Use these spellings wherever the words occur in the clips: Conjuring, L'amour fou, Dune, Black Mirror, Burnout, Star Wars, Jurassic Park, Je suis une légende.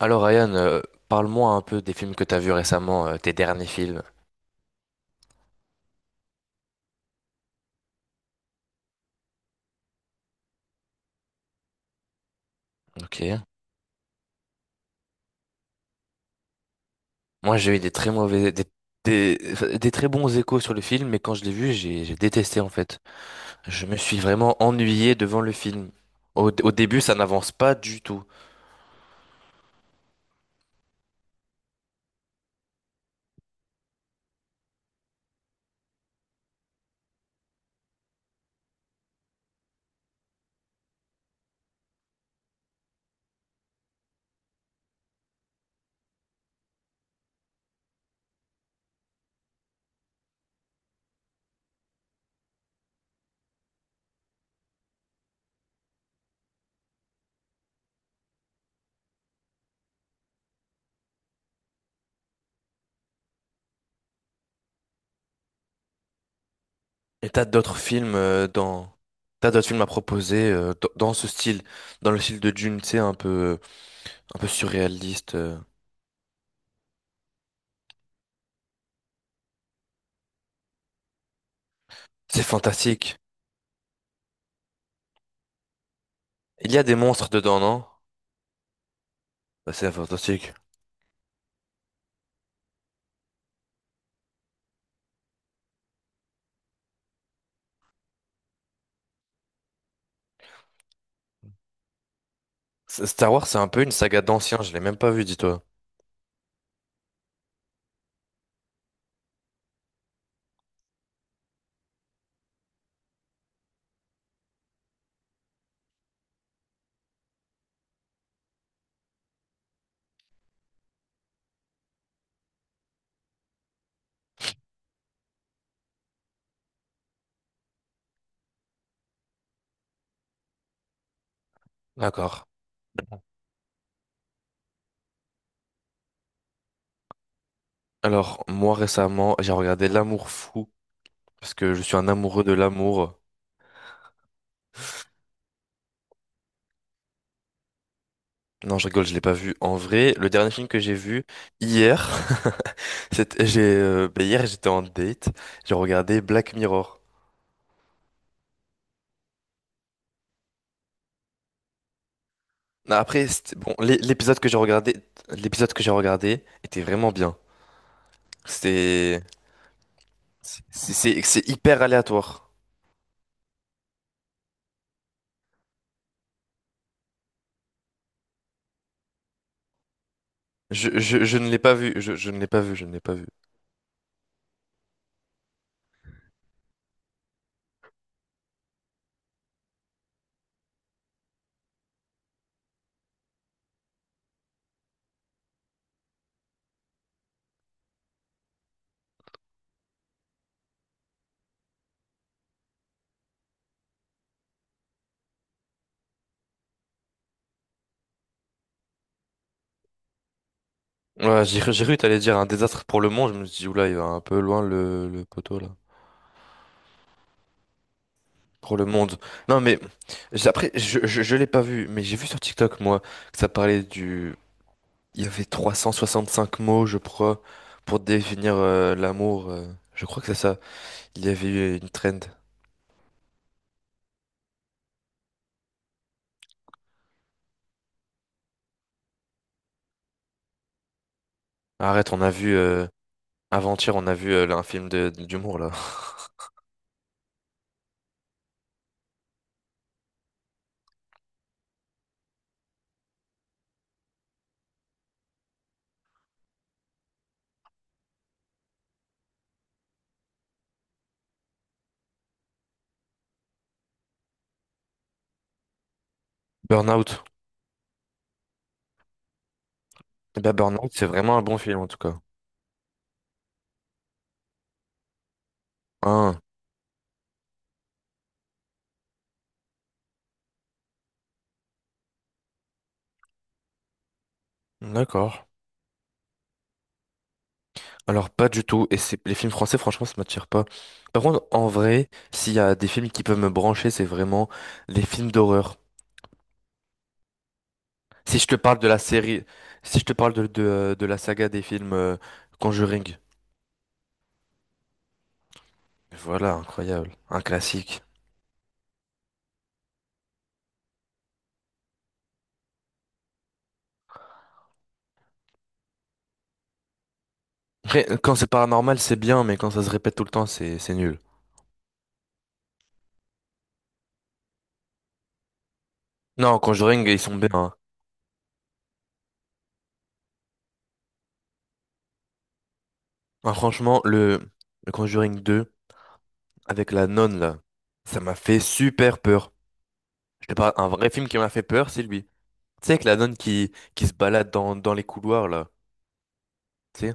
Alors Ryan, parle-moi un peu des films que t'as vus récemment, tes derniers films. Ok. Moi j'ai eu des très mauvais, enfin, des très bons échos sur le film, mais quand je l'ai vu, j'ai détesté en fait. Je me suis vraiment ennuyé devant le film. Au début, ça n'avance pas du tout. Et t'as d'autres films t'as d'autres films à proposer dans ce style, dans le style de Dune, tu sais, un peu surréaliste. C'est fantastique. Il y a des monstres dedans, non? Bah, c'est fantastique. Star Wars, c'est un peu une saga d'anciens, je l'ai même pas vu, dis-toi. D'accord. Alors, moi récemment, j'ai regardé L'amour fou, parce que je suis un amoureux de l'amour. Non, je rigole, je l'ai pas vu. En vrai, le dernier film que j'ai vu hier, c'était, bah, hier j'étais en date, j'ai regardé Black Mirror. Non, après, bon, l'épisode que j'ai regardé, l'épisode que j'ai regardé était vraiment bien. C'était, c'est c'est hyper aléatoire. Je ne l'ai pas vu, je ne l'ai pas vu, je ne l'ai pas vu. Ouais, j'ai cru que t'allais dire un désastre pour le monde. Je me suis dit, oula, il va un peu loin le poteau là. Pour le monde. Non, mais après, je l'ai pas vu, mais j'ai vu sur TikTok, moi, que ça parlait du. Il y avait 365 mots, je crois, pour définir l'amour. Je crois que c'est ça. Il y avait eu une trend. Arrête, on a vu. Avant-hier, on a vu là, un film d'humour là. Burnout. Eh ben, Burnout, c'est vraiment un bon film en tout cas. Ah, d'accord. Alors pas du tout, et c'est les films français franchement ça m'attire pas. Par contre en vrai, s'il y a des films qui peuvent me brancher, c'est vraiment les films d'horreur. Si je te parle de la série, si je te parle de la saga des films Conjuring, voilà, incroyable, un classique. Après, quand c'est paranormal c'est bien, mais quand ça se répète tout le temps c'est nul. Non, Conjuring ils sont bien, hein. Ah, franchement le Conjuring 2 avec la nonne là, ça m'a fait super peur. Je te parle un vrai film qui m'a fait peur, c'est lui. Tu sais, avec la nonne qui se balade dans les couloirs, là. Tu sais.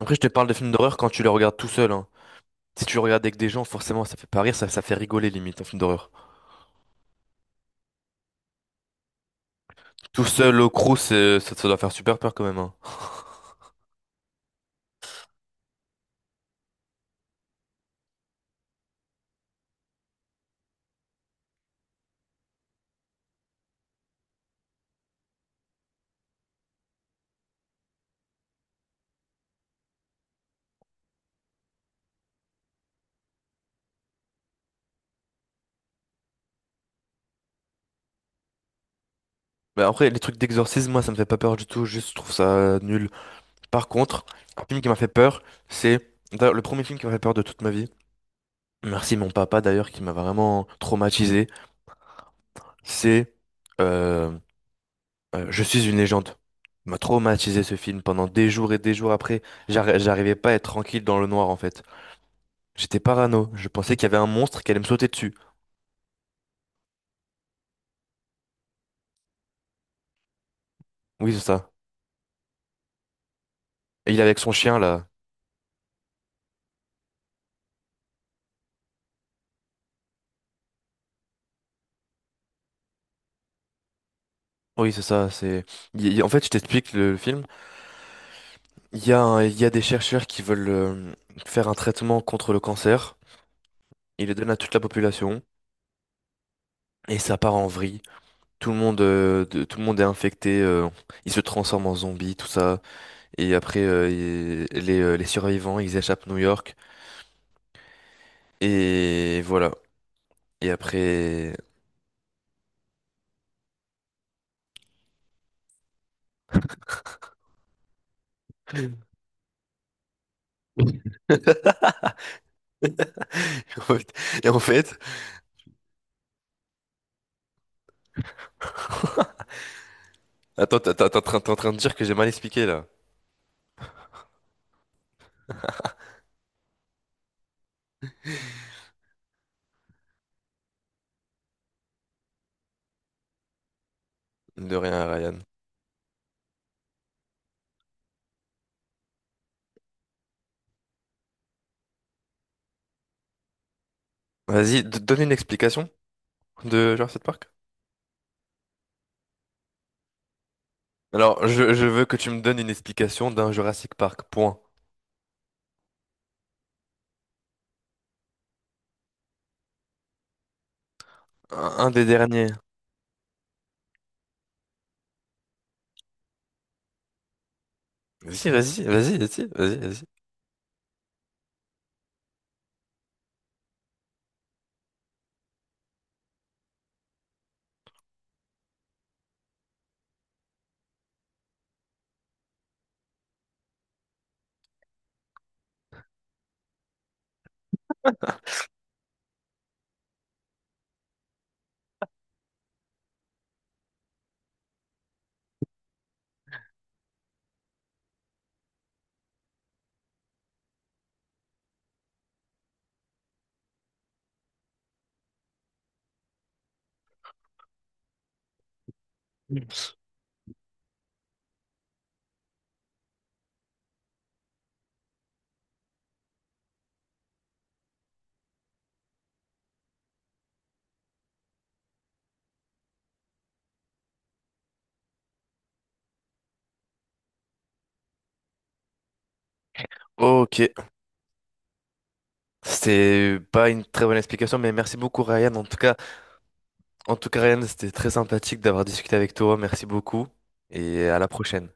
Après, je te parle de films d'horreur quand tu les regardes tout seul, hein. Si tu le regardes avec des gens, forcément, ça fait pas rire, ça fait rigoler limite, un film d'horreur. Tout seul au crew, ça doit faire super peur quand même, hein. Mais après, les trucs d'exorcisme, moi, ça me fait pas peur du tout, juste je trouve ça nul. Par contre, un film qui m'a fait peur, c'est d'ailleurs, le premier film qui m'a fait peur de toute ma vie. Merci mon papa d'ailleurs, qui m'a vraiment traumatisé. C'est euh, Je suis une légende. Il m'a traumatisé ce film pendant des jours et des jours après. J'arrivais pas à être tranquille dans le noir en fait. J'étais parano. Je pensais qu'il y avait un monstre qui allait me sauter dessus. Oui, c'est ça. Et il est avec son chien là. Oui, c'est ça. C'est. En fait, je t'explique le film. Il y a, il y a des chercheurs qui veulent faire un traitement contre le cancer. Ils le donnent à toute la population et ça part en vrille. Tout le monde, tout le monde est infecté. Ils se transforment en zombies, tout ça. Et après, les survivants, ils échappent à New York. Et voilà. Et après. Et en fait, attends, t'es en train de dire que j'ai mal expliqué là. De rien, Ryan. Vas-y, donne une explication de Jurassic Park. Alors, je veux que tu me donnes une explication d'un Jurassic Park. Point. Un des derniers. Vas-y. Ok. C'était pas une très bonne explication, mais merci beaucoup, Ryan. En tout cas, Ryan, c'était très sympathique d'avoir discuté avec toi. Merci beaucoup. Et à la prochaine.